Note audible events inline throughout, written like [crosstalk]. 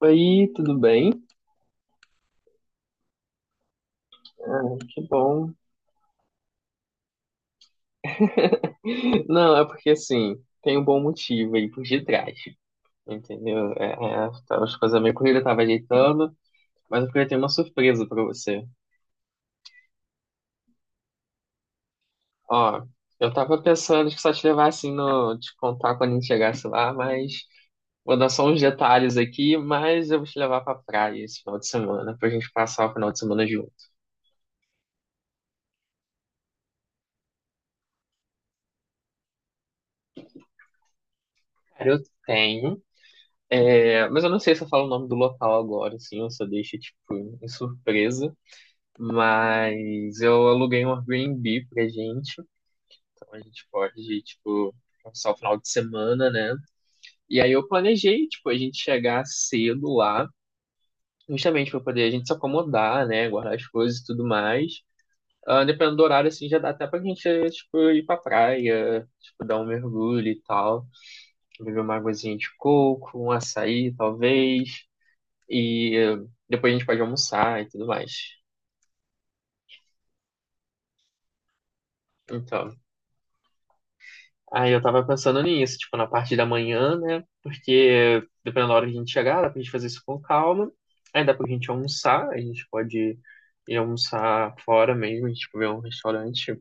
Oi, tudo bem? Ah, que bom. Não, é porque assim, tem um bom motivo aí por detrás, entendeu? Tava as coisas meio corridas, tava ajeitando, mas eu queria ter uma surpresa pra você. Ó, eu tava pensando que só te levar assim no, te contar quando a gente chegasse lá, mas vou dar só uns detalhes aqui, mas eu vou te levar pra praia esse final de semana, pra gente passar o final de semana junto. Cara, eu tenho, é, mas eu não sei se eu falo o nome do local agora, assim, eu só deixo, tipo, em surpresa. Mas eu aluguei um Airbnb pra gente, então a gente pode, tipo, passar o final de semana, né? E aí eu planejei, tipo, a gente chegar cedo lá, justamente pra poder a gente se acomodar, né? Guardar as coisas e tudo mais. Ah, dependendo do horário, assim, já dá até pra gente, tipo, ir pra praia, tipo, dar um mergulho e tal. Beber uma aguazinha de coco, um açaí, talvez. E depois a gente pode almoçar e tudo mais. Então. Aí eu tava pensando nisso, tipo, na parte da manhã, né? Porque dependendo da hora que a gente chegar, dá pra gente fazer isso com calma. Aí dá pra gente almoçar, a gente pode ir almoçar fora mesmo, a gente, tipo, ver um restaurante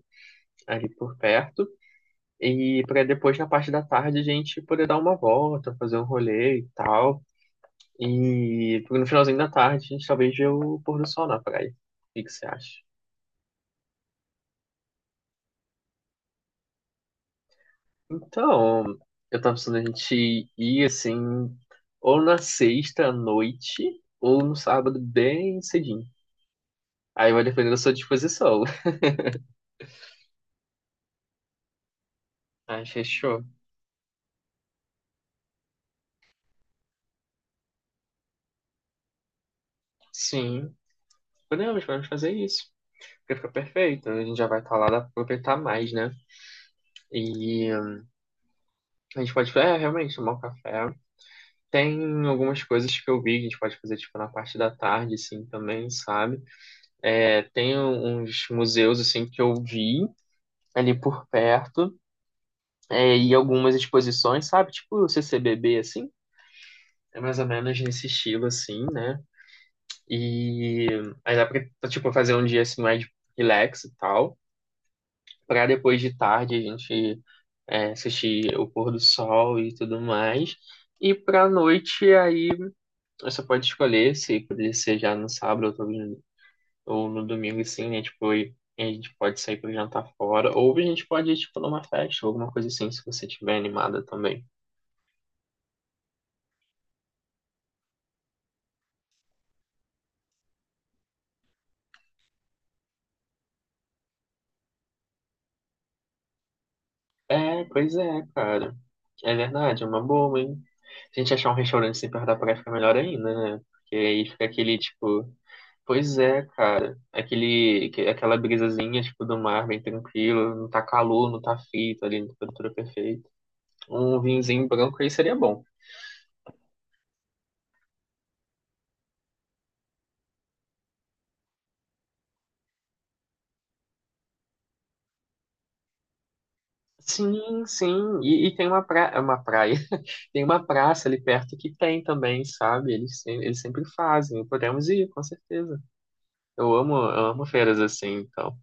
ali por perto. E pra depois, na parte da tarde, a gente poder dar uma volta, fazer um rolê e tal. E no finalzinho da tarde, a gente talvez vê o pôr do sol na praia. O que que você acha? Então, eu tava pensando a gente ir assim, ou na sexta à noite, ou no sábado bem cedinho. Aí vai depender da sua disposição. [laughs] Aí fechou. Sim, podemos, podemos fazer isso. Porque fica perfeito. A gente já vai estar lá, dá pra aproveitar mais, né? E a gente pode, é, realmente, tomar um café. Tem algumas coisas que eu vi que a gente pode fazer, tipo, na parte da tarde, assim, também, sabe? É, tem uns museus, assim, que eu vi ali por perto. É, em algumas exposições, sabe? Tipo o CCBB, assim. É mais ou menos nesse estilo, assim, né? E aí dá pra, tipo, fazer um dia, assim, mais relax e tal. Pra depois de tarde a gente é, assistir o pôr do sol e tudo mais. E pra noite, aí, você pode escolher se poderia ser já no sábado ou no domingo, assim, né? Tipo, e a gente pode sair pra jantar fora. Ou a gente pode ir, tipo, numa festa ou alguma coisa assim, se você estiver animada também. É, pois é, cara. É verdade, é uma boa, hein? Se a gente achar um restaurante assim perto da praia, fica melhor ainda, né? Porque aí fica aquele, tipo... Pois é, cara. Aquele, aquela brisazinha, tipo, do mar, bem tranquilo. Não tá calor, não tá frio, tá ali na temperatura perfeita. Um vinhozinho branco aí seria bom. Sim, sim. E tem uma praia, uma praia. [laughs] Tem uma praça ali perto que tem também, sabe? Eles, eles sempre fazem. Podemos ir, com certeza. Eu amo feiras assim, então.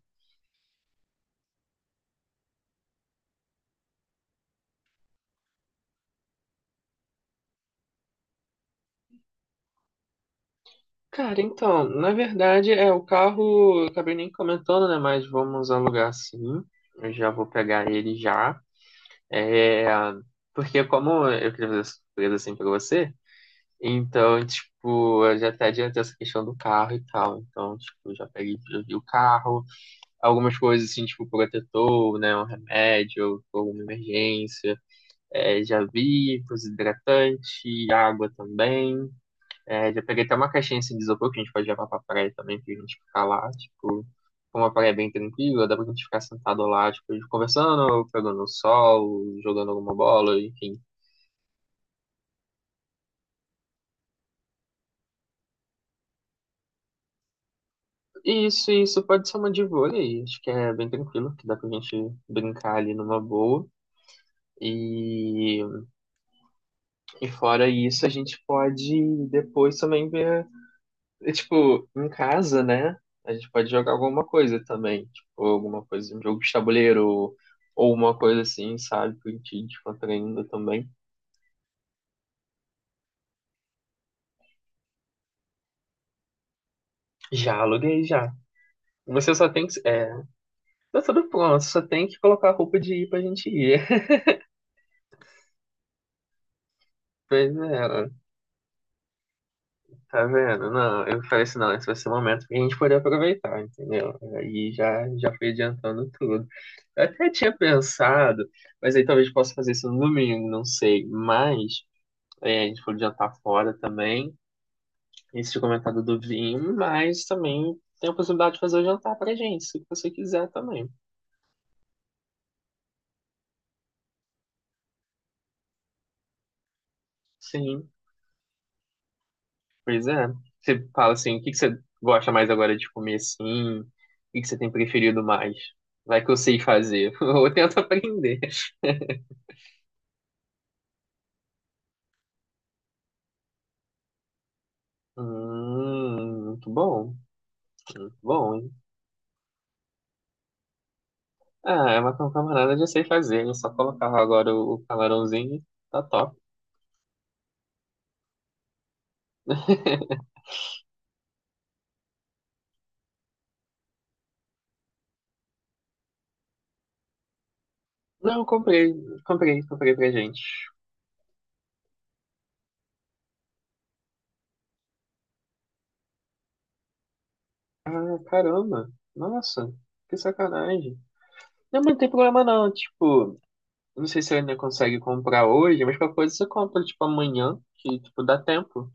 Cara, então, na verdade, é o carro, eu acabei nem comentando, né? Mas vamos alugar sim. Eu já vou pegar ele já. É, porque como eu queria fazer surpresa assim pra você, então, tipo, eu já até adiantei essa questão do carro e tal. Então, tipo, já peguei, já vi o carro, algumas coisas assim, tipo, protetor, né? Um remédio, alguma emergência. É, já vi, coisa hidratante, água também. É, já peguei até uma caixinha assim, de isopor que a gente pode levar pra praia também, pra gente ficar lá, tipo, como a praia é bem tranquila, dá pra gente ficar sentado lá, tipo, conversando, pegando sol, jogando alguma bola, enfim. E isso pode ser uma de vôlei, acho que é bem tranquilo, que dá pra gente brincar ali numa boa. E, e fora isso, a gente pode depois também ver E, tipo, em casa, né? A gente pode jogar alguma coisa também. Tipo, alguma coisa, um jogo de tabuleiro ou uma coisa assim, sabe? Que a gente descontraindo também. Já aluguei, já. Você só tem que. É, tá tudo pronto, só tem que colocar a roupa de ir pra gente ir. [laughs] Pois é, tá vendo? Não, eu falei assim, não, esse vai ser o momento que a gente poder aproveitar, entendeu? Já fui adiantando tudo. Eu até tinha pensado, mas aí talvez possa fazer isso no domingo, não sei. Mas. É, a gente foi jantar fora também. Esse tinha comentado do vinho, mas também tem a possibilidade de fazer o jantar pra gente, se você quiser também. Sim, pois é. Você fala assim, o que que você gosta mais agora de comer assim? O que que você tem preferido mais? Vai que eu sei fazer, [laughs] ou eu tento aprender. [laughs] Hum, muito bom, muito bom, hein? Ah, é uma camarada, eu já sei fazer, eu só colocar agora o camarãozinho, tá top. Não, comprei, comprei pra gente. Ah, caramba. Nossa, que sacanagem. Não, mas não tem problema não, tipo, eu não sei se ainda consegue comprar hoje, mas qualquer coisa você compra, tipo, amanhã, que, tipo, dá tempo.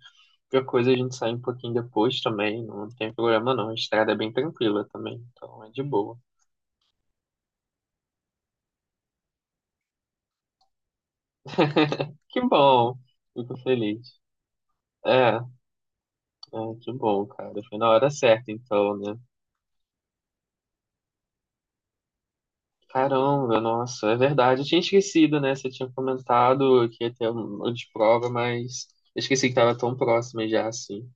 Qualquer coisa a gente sai um pouquinho depois também, não tem problema não, a estrada é bem tranquila também, então é de boa. Que bom, fico feliz. É, é, que bom, cara, foi na hora certa então, né? Caramba, nossa, é verdade. Eu tinha esquecido, né? Você tinha comentado que ia ter uma de prova, mas eu esqueci que tava tão próxima já, assim.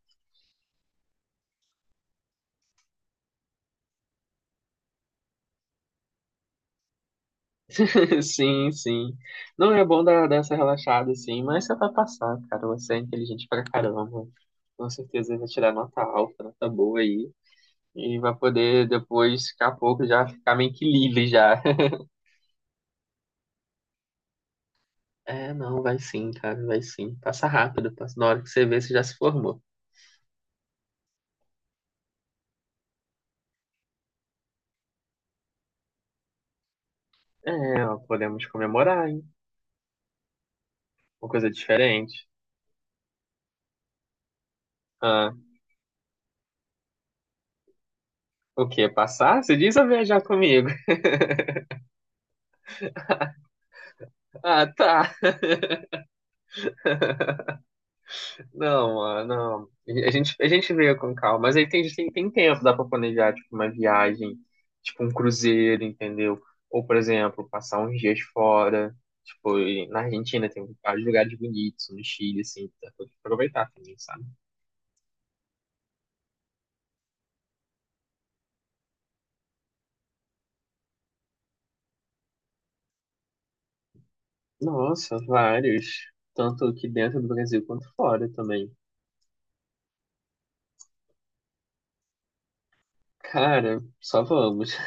[laughs] Sim, sim. Não é bom dar essa relaxada, assim, mas você vai passar, cara. Você é inteligente pra caramba. Com certeza vai tirar nota alta, nota boa aí. E vai poder depois, daqui a pouco, já ficar meio que livre já. [laughs] É, não, vai sim, cara, vai sim. Passa rápido, passa. Na hora que você vê, você já se formou. É, ó, podemos comemorar, hein? Uma coisa diferente. Ah, o quê? Passar? Você diz ou viajar comigo? [laughs] Ah, tá. Não, ah, não. A gente veio com calma, mas aí tem, tem tempo, dá pra planejar, tipo, uma viagem, tipo, um cruzeiro, entendeu? Ou, por exemplo, passar uns dias fora, tipo, e na Argentina tem vários lugares bonitos, no Chile, assim, dá pra aproveitar também, sabe? Nossa, vários. Tanto aqui dentro do Brasil quanto fora também. Cara, só vamos. [laughs]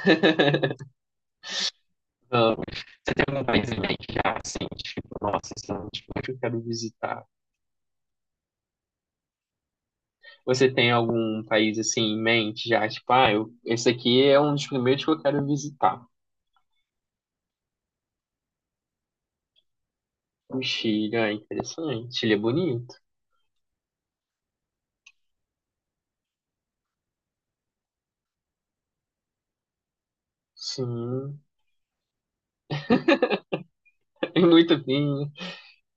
Então, você tem algum país em mente já, assim, tipo, nossa, esse é um tipo que eu quero visitar. Você tem algum país, assim, em mente já, tipo, ah, eu, esse aqui é um dos primeiros que eu quero visitar. O Chile, ah, interessante. Chile é bonito. Sim, [laughs] é muito bem.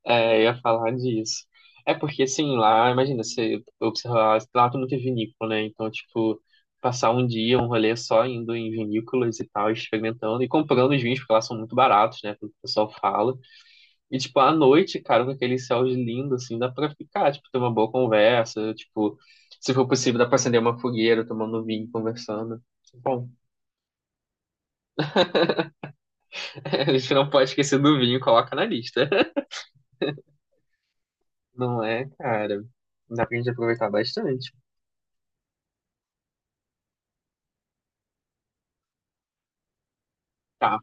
É, eu ia falar disso. É porque, assim, lá, imagina, você observar, lá tem muita vinícola, né? Então, tipo, passar um dia, um rolê só indo em vinícolas e tal, experimentando e comprando os vinhos, porque lá são muito baratos, né? Como o pessoal fala. E, tipo, à noite, cara, com aquele céu lindo, assim, dá pra ficar, tipo, ter uma boa conversa, tipo, se for possível, dá pra acender uma fogueira, tomando vinho, conversando. Bom, [laughs] a gente não pode esquecer do vinho, coloca na lista. [laughs] Não é, cara? Dá pra gente aproveitar bastante. Tá,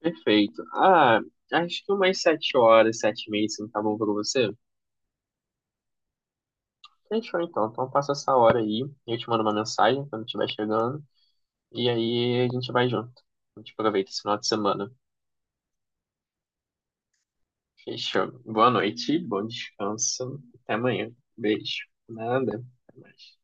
perfeito. Ah, acho que umas 7 horas, 7 e meia, assim, tá bom pra você? Fechou, então. Então passa essa hora aí, eu te mando uma mensagem quando estiver chegando, e aí a gente vai junto. A gente aproveita esse final de semana. Fechou. Boa noite, bom descanso. Até amanhã. Beijo. Nada. Até mais.